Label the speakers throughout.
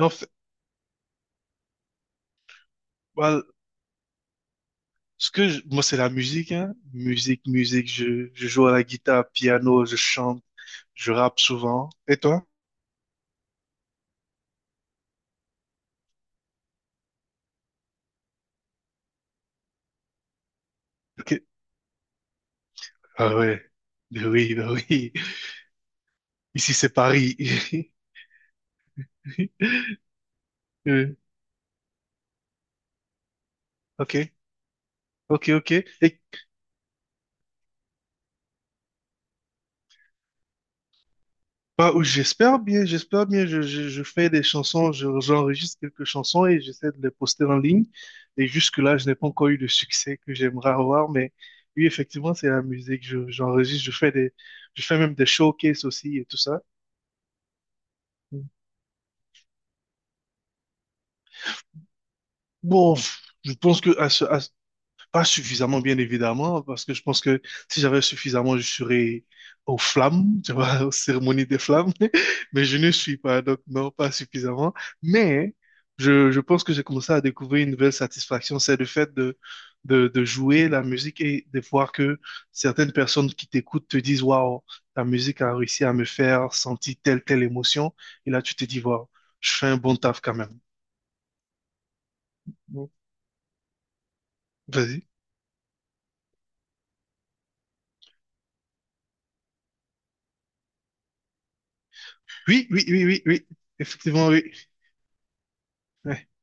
Speaker 1: Non, well, moi, c'est la musique, hein. Musique, musique. Je joue à la guitare, piano, je chante, je rappe souvent. Et toi? Ok. Ah ouais. Ben oui, ben oui. Ici, c'est Paris. Euh, Ok, ok, ok. Et Bah, j'espère bien, j'espère bien. Je fais des chansons, j'enregistre quelques chansons et j'essaie de les poster en ligne. Et jusque-là, je n'ai pas encore eu le succès que j'aimerais avoir, mais oui, effectivement, c'est la musique. J'enregistre, je fais même des showcases aussi et tout ça. Bon, je pense que pas suffisamment, bien évidemment, parce que je pense que si j'avais suffisamment, je serais aux flammes, tu vois, aux cérémonies des flammes, mais je ne suis pas, donc non, pas suffisamment. Mais je pense que j'ai commencé à découvrir une nouvelle satisfaction, c'est le fait de jouer la musique et de voir que certaines personnes qui t'écoutent te disent, waouh, ta musique a réussi à me faire sentir telle, telle émotion. Et là, tu te dis, waouh, je fais un bon taf quand même. Bon, vas-y. Oui, oui, oui, oui, oui, effectivement, oui.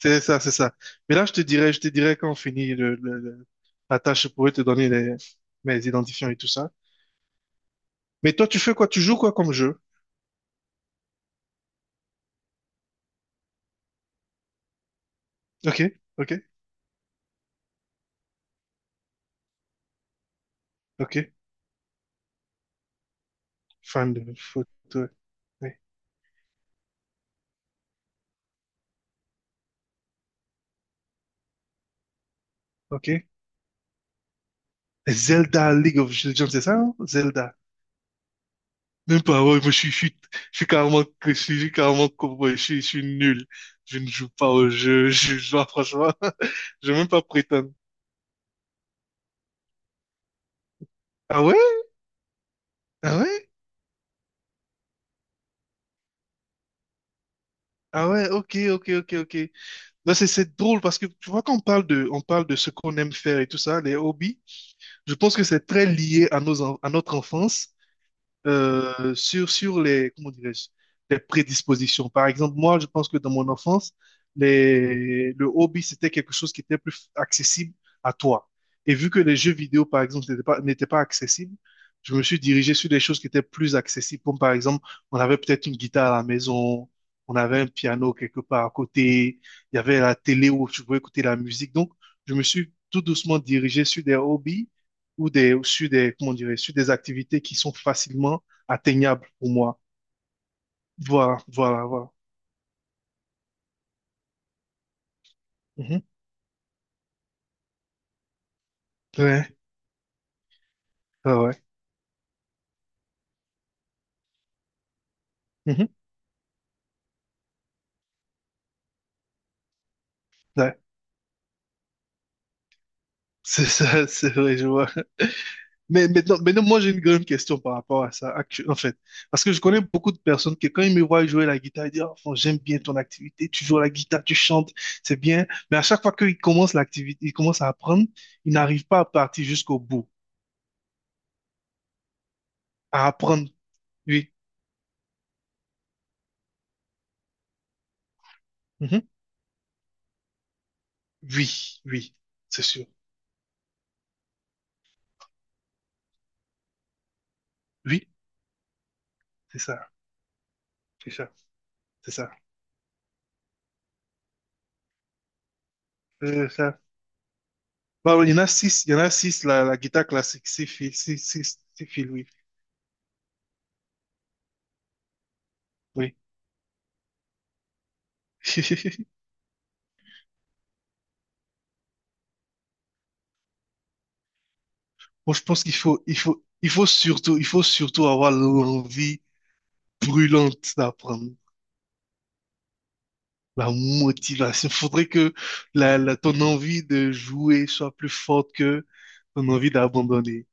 Speaker 1: C'est ça, c'est ça. Mais là, je te dirais quand on finit la tâche, je pourrais te donner mes identifiants et tout ça. Mais toi, tu fais quoi? Tu joues quoi comme jeu? Ok, ok, ok. Fan de foot, ouais. Ouais, ok. Zelda League of Legends, c'est ça, non? Zelda. Même pas, ouais, moi, je suis carrément cowboy, je suis nul. Je ne joue pas au jeu, je joue, franchement, je vais même pas prétendre. Ah ouais? Ah ouais? Ah ouais, ok, ok, ok, ok. Non, c'est drôle parce que tu vois quand on parle de ce qu'on aime faire et tout ça, les hobbies, je pense que c'est très lié à nos, à notre enfance sur les, comment dirais-je, les prédispositions. Par exemple, moi, je pense que dans mon enfance, le hobby, c'était quelque chose qui était plus accessible à toi. Et vu que les jeux vidéo, par exemple, n'étaient pas accessibles, je me suis dirigé sur des choses qui étaient plus accessibles. Comme par exemple, on avait peut-être une guitare à la maison, on avait un piano quelque part à côté, il y avait la télé où tu pouvais écouter la musique. Donc, je me suis tout doucement dirigé sur des hobbies ou comment dirais, sur des activités qui sont facilement atteignables pour moi. Voilà, voilà, voilà. Mhm. Ouais, ouais, ouais. Mhm. Ouais. C'est ça, c'est vrai, je vois. Mais maintenant, maintenant, moi, j'ai une grande question par rapport à ça, en fait. Parce que je connais beaucoup de personnes qui, quand ils me voient jouer la guitare, ils disent, oh, j'aime bien ton activité, tu joues à la guitare, tu chantes, c'est bien. Mais à chaque fois qu'ils commencent l'activité, ils commencent à apprendre, ils n'arrivent pas à partir jusqu'au bout, à apprendre. Oui. Mhm. Oui, oui, c'est sûr. Oui, c'est ça. C'est ça, c'est ça, c'est ça. Bon, il y en a six, il y en a six, la guitare classique, six filles, six, six, six filles, oui. Oui. Moi, je pense qu'il faut surtout avoir l'envie brûlante d'apprendre, la motivation. Faudrait que ton envie de jouer soit plus forte que ton envie d'abandonner.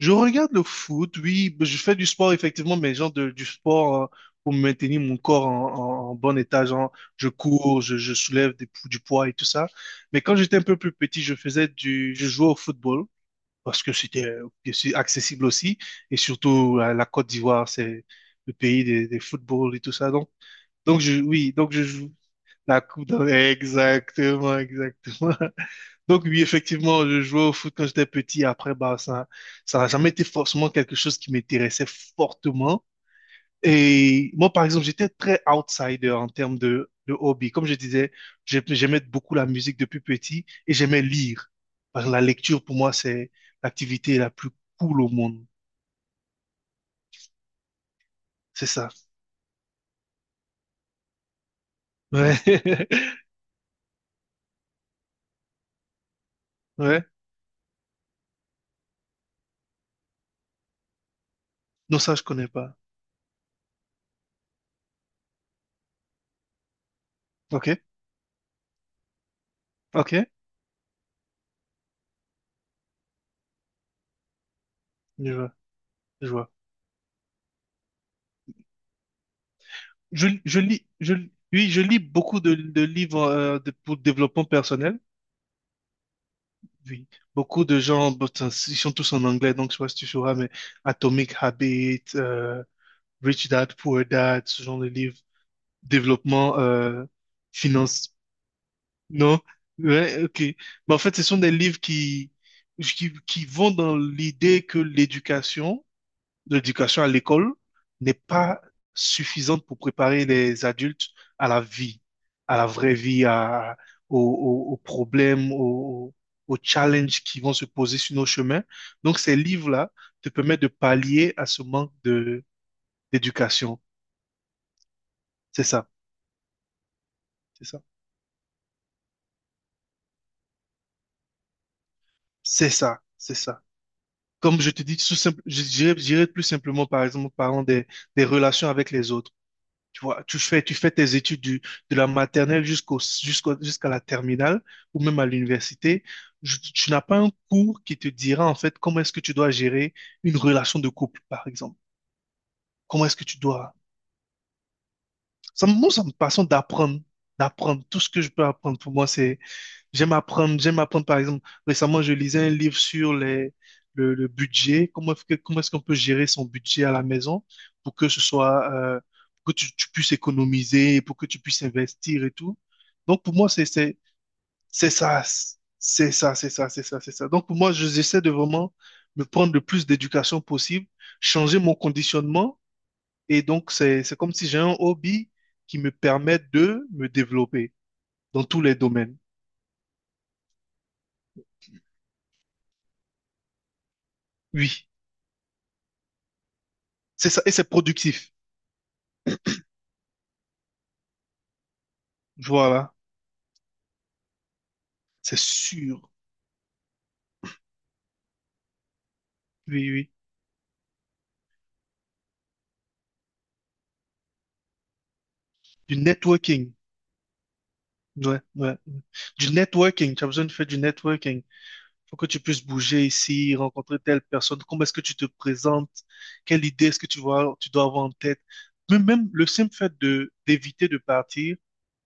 Speaker 1: Je regarde le foot, oui, je fais du sport effectivement, mais genre du sport pour maintenir mon corps en, en bon état, genre je cours, je soulève du poids et tout ça. Mais quand j'étais un peu plus petit, je jouais au football parce que c'était bien accessible aussi et surtout la Côte d'Ivoire, c'est le pays des footballs et tout ça. Donc, oui, donc je joue la coupe d'Afrique. Exactement, exactement. Donc oui, effectivement, je jouais au foot quand j'étais petit. Après, bah, ça n'a jamais été forcément quelque chose qui m'intéressait fortement. Et moi, par exemple, j'étais très outsider en termes de hobby. Comme je disais, j'aimais beaucoup la musique depuis petit et j'aimais lire. Parce que la lecture, pour moi, c'est l'activité la plus cool au monde. C'est ça. Ouais. Ouais. Non, ça, je connais pas. Ok. Ok. Je vois. Je vois. Je, je lis, je, oui, je lis beaucoup de livres pour développement personnel. Oui, beaucoup de gens, but, ils sont tous en anglais, donc je sais pas si tu sauras, mais Atomic Habits, Rich Dad, Poor Dad, ce genre de livres, développement, finance, non? Ouais, ok. Mais en fait, ce sont des livres qui vont dans l'idée que l'éducation, l'éducation à l'école n'est pas suffisante pour préparer les adultes à la vie, à la vraie vie, à, aux problèmes, aux challenges qui vont se poser sur nos chemins. Donc, ces livres-là te permettent de pallier à ce manque d'éducation. C'est ça, c'est ça, c'est ça, c'est ça. Comme je te dis, tout simple, je dirais plus simplement, par exemple, en parlant des relations avec les autres. Tu vois, tu fais tes études de la maternelle jusqu'à la terminale ou même à l'université. Je- Tu n'as pas un cours qui te dira en fait comment est-ce que tu dois gérer une relation de couple, par exemple. Comment est-ce que tu dois... Ça, moi, ça me passionne d'apprendre, d'apprendre. Tout ce que je peux apprendre pour moi, c'est j'aime apprendre, j'aime apprendre par exemple, récemment je lisais un livre sur le budget, comment est-ce qu'on peut gérer son budget à la maison pour que ce soit, pour que tu puisses économiser, pour que tu puisses investir et tout. Donc pour moi, c'est ça, c'est ça, c'est ça, c'est ça, c'est ça. Donc pour moi, j'essaie de vraiment me prendre le plus d'éducation possible, changer mon conditionnement et donc c'est comme si j'ai un hobby qui me permet de me développer dans tous les domaines. Oui. C'est ça, et c'est productif. Voilà, c'est sûr. Oui, oui. Du networking. Ouais, ouais, ouais. Du networking. Tu as besoin de faire du networking. Faut que tu puisses bouger ici, rencontrer telle personne. Comment est-ce que tu te présentes? Quelle idée est-ce que tu vois, tu dois avoir en tête? Mais même le simple fait de d'éviter de partir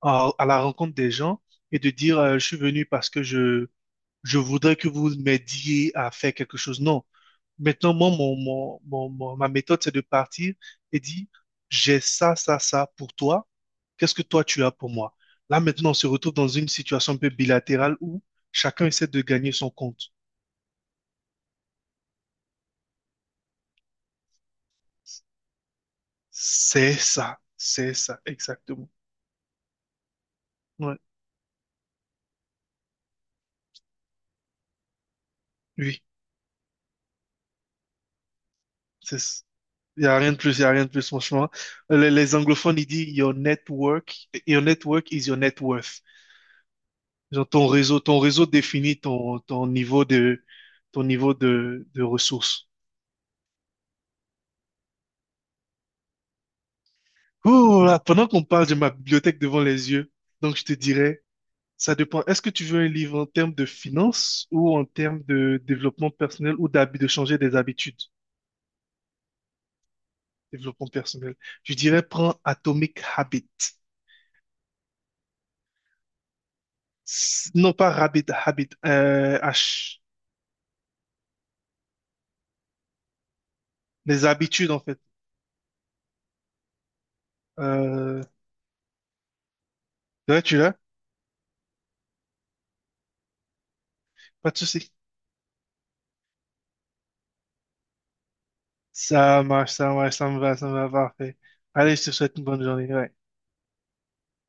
Speaker 1: à la rencontre des gens et de dire je suis venu parce que je voudrais que vous m'aidiez à faire quelque chose. Non. Maintenant, moi, ma méthode, c'est de partir et dire, j'ai ça, ça, ça pour toi. Qu'est-ce que toi, tu as pour moi? Là, maintenant, on se retrouve dans une situation un peu bilatérale où chacun essaie de gagner son compte. C'est ça, exactement. Ouais, oui, c'est s- il n'y a rien de plus, il n'y a rien de plus, franchement. Les anglophones, ils disent your network is your net worth. Genre, ton réseau définit ton niveau de ressources. Oh là, pendant qu'on parle, j'ai ma bibliothèque devant les yeux. Donc, je te dirais, ça dépend. Est-ce que tu veux un livre en termes de finances ou en termes de développement personnel ou d'habit, de changer des habitudes? Développement personnel. Je dirais, prends Atomic Habit. Non pas Rabbit, Habit, H. Les habitudes, en fait. Euh, ouais, tu l'as? Pas de souci. Ça marche, ça marche, ça me va, parfait. Allez, je te souhaite une bonne journée. Ouais.